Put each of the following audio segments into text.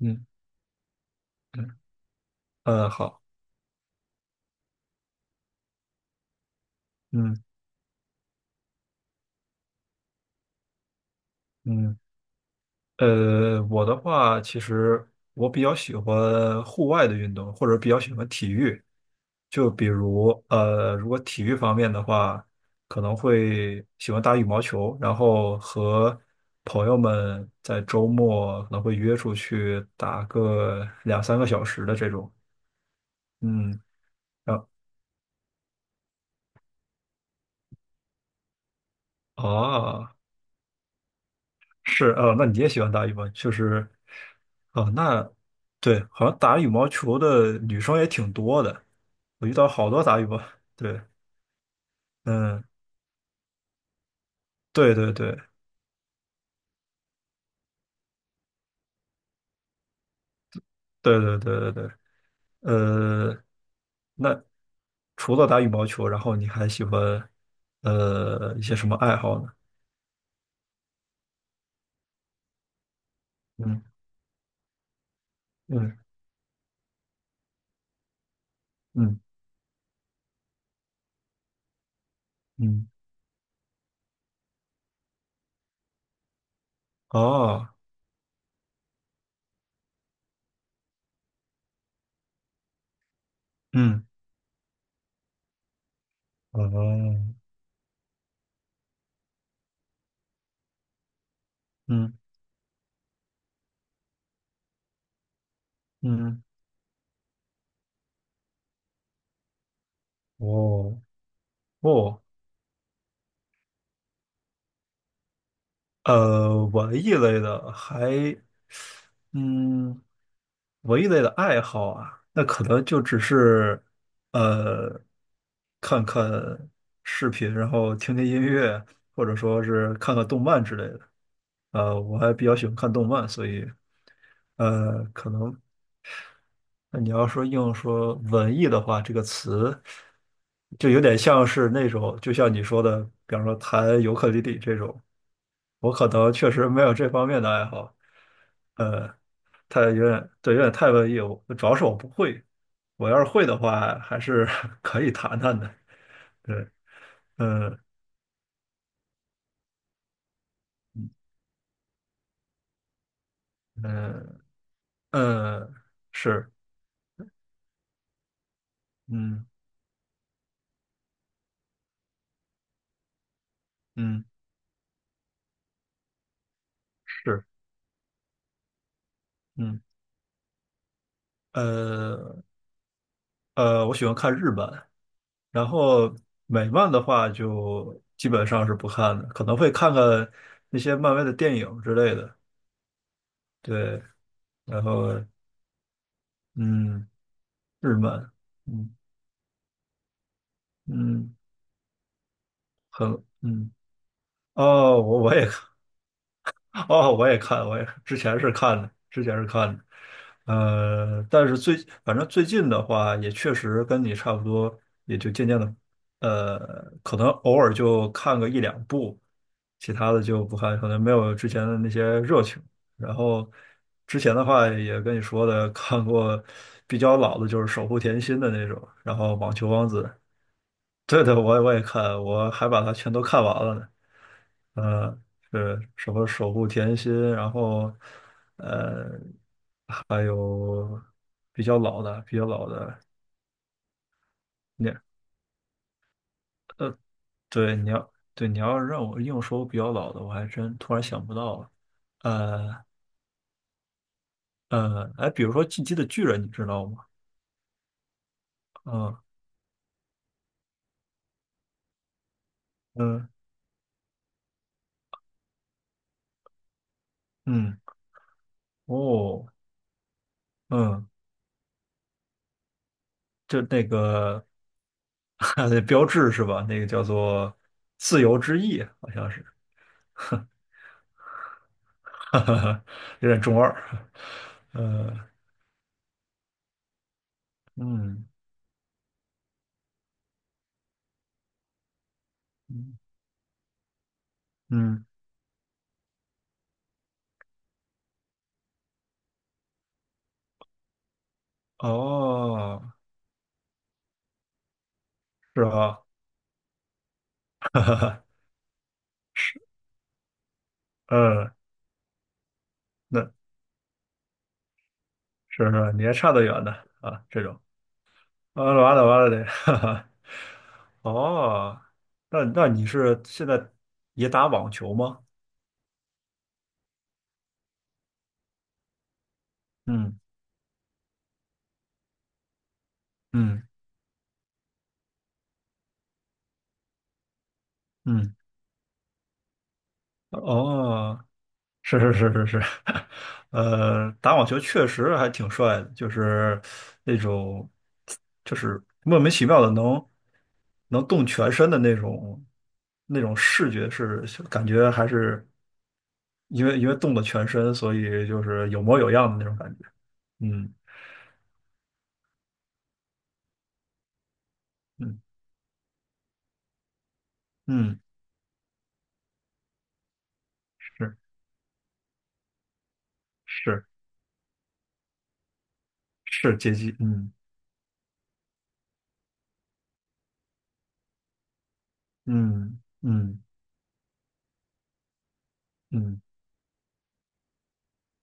嗯嗯。好。嗯嗯。我的话，其实我比较喜欢户外的运动，或者比较喜欢体育。就比如如果体育方面的话，可能会喜欢打羽毛球，然后和朋友们在周末可能会约出去打个2、3个小时的这种。嗯，然后啊。哦，是哦，那你也喜欢打羽毛，确实。哦，那对，好像打羽毛球的女生也挺多的，我遇到好多打羽毛，对。嗯，对对对对对对对对。呃，那除了打羽毛球，然后你还喜欢一些什么爱好呢？嗯嗯嗯嗯，哦，嗯哦，嗯嗯，哦哦。文艺类的还。嗯，文艺类的爱好啊，那可能就只是呃，看看视频，然后听听音乐，或者说是看看动漫之类的。我还比较喜欢看动漫，所以可能那你要说硬说文艺的话，这个词就有点像是那种，就像你说的，比方说弹尤克里里这种。我可能确实没有这方面的爱好。呃，太有点，对，有点太文艺，我主要是我不会。我要是会的话，还是 可以谈谈的。对。嗯嗯嗯，是，嗯嗯，是。嗯呃我喜欢看日漫，然后美漫的话就基本上是不看的，可能会看看那些漫威的电影之类的。对。然后嗯日漫。嗯嗯。很嗯。哦，我也 看。哦，我也看，我也之前是看的，之前是看的。但是反正最近的话，也确实跟你差不多，也就渐渐的。呃，可能偶尔就看个1、2部，其他的就不看，可能没有之前的那些热情。然后之前的话也跟你说的，看过比较老的，就是《守护甜心》的那种，然后《网球王子》。对的，我也看，我还把它全都看完了呢。嗯，是什么守护甜心，然后呃，还有比较老的，比较老的。你对你要对你要让我硬说比较老的，我还真突然想不到了。呃哎，比如说《进击的巨人》，你知道吗？嗯嗯嗯，哦，嗯。就那个 那标志是吧？那个叫做自由之翼，好像是。哈哈，有点中二。呃，嗯嗯嗯。哦，是吧？哈哈，是，嗯，那是是，你还差得远呢啊，这种。完了完了完了得，哈哈。哦，那那你是现在也打网球吗？嗯嗯嗯，哦。是 是是是是。打网球确实还挺帅的，就是那种，就是莫名其妙的能动全身的那种那种视觉是感觉还是因为动了全身，所以就是有模有样的那种感觉。嗯嗯嗯，是是是接机，嗯嗯嗯嗯。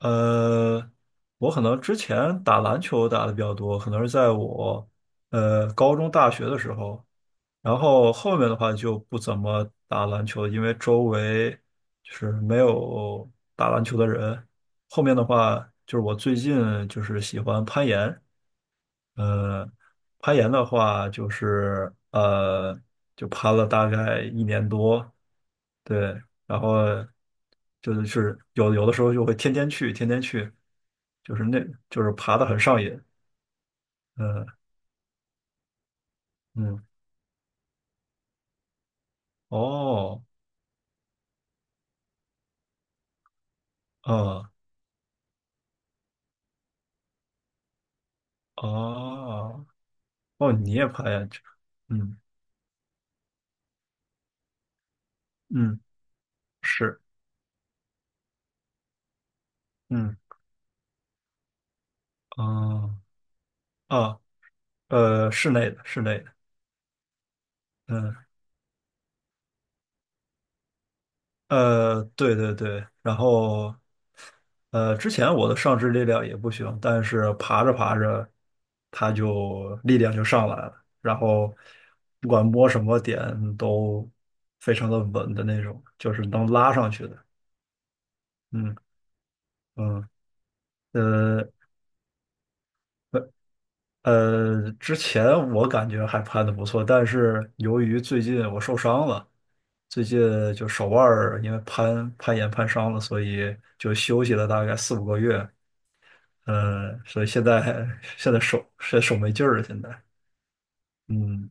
呃，我可能之前打篮球打的比较多，可能是在我高中、大学的时候，然后后面的话就不怎么打篮球了，因为周围就是没有打篮球的人。后面的话就是我最近就是喜欢攀岩。呃，攀岩的话就是就攀了大概1年多。对，然后就是有的时候就会天天去，天天去，就是那就是爬的很上瘾。嗯嗯，哦，哦哦哦，你也爬呀？这嗯嗯，是，嗯，啊啊。室内的室内的。嗯。对对对。然后之前我的上肢力量也不行，但是爬着爬着，它就力量就上来了，然后不管摸什么点都非常的稳的那种，就是能拉上去的。嗯嗯。呃呃，之前我感觉还攀的不错，但是由于最近我受伤了，最近就手腕儿因为攀攀岩攀伤了，所以就休息了大概4、5个月。嗯，所以现在现在手现在手没劲儿了，现在。嗯。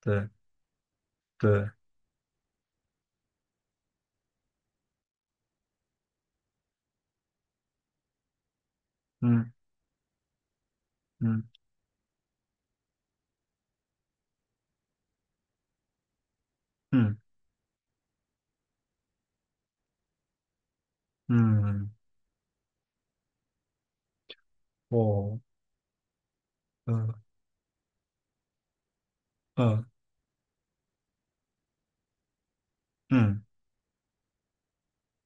对对。嗯嗯嗯嗯，哦，嗯嗯嗯，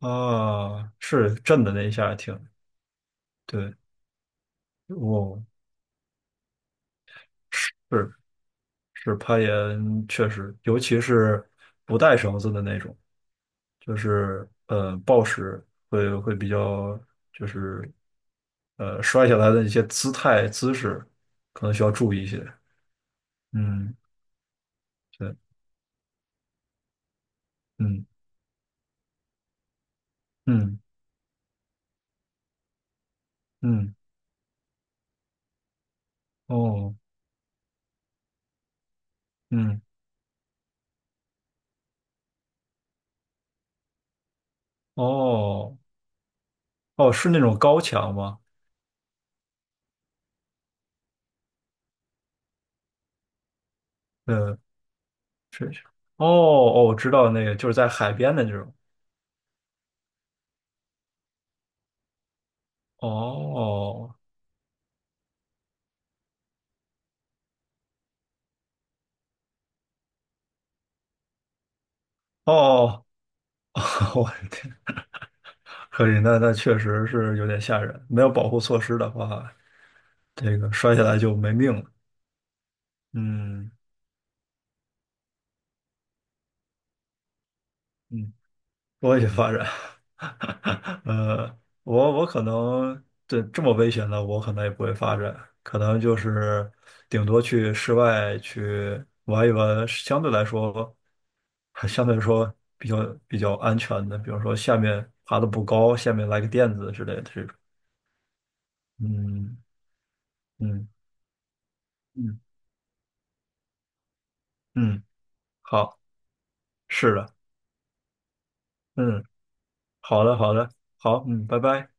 啊，是震的那一下挺对。哦，是是攀岩确实，尤其是不带绳子的那种，就是暴食会会比较就是摔下来的一些姿态姿势可能需要注意一些。嗯。对，嗯嗯嗯，哦，嗯，哦哦，是那种高墙吗？呃，是，是。哦哦，我知道那个，就是在海边的那种。哦哦，我的天，可以，那那确实是有点吓人。没有保护措施的话，这个摔下来就没命了。嗯嗯，多元发展。我可能对这么危险的，我可能也不会发展，可能就是顶多去室外去玩一玩，相对来说，还相对来说比较比较安全的，比如说下面爬的不高，下面来个垫子之类的这种。嗯嗯嗯嗯，好，是的，嗯，好的好的，好，嗯，拜拜。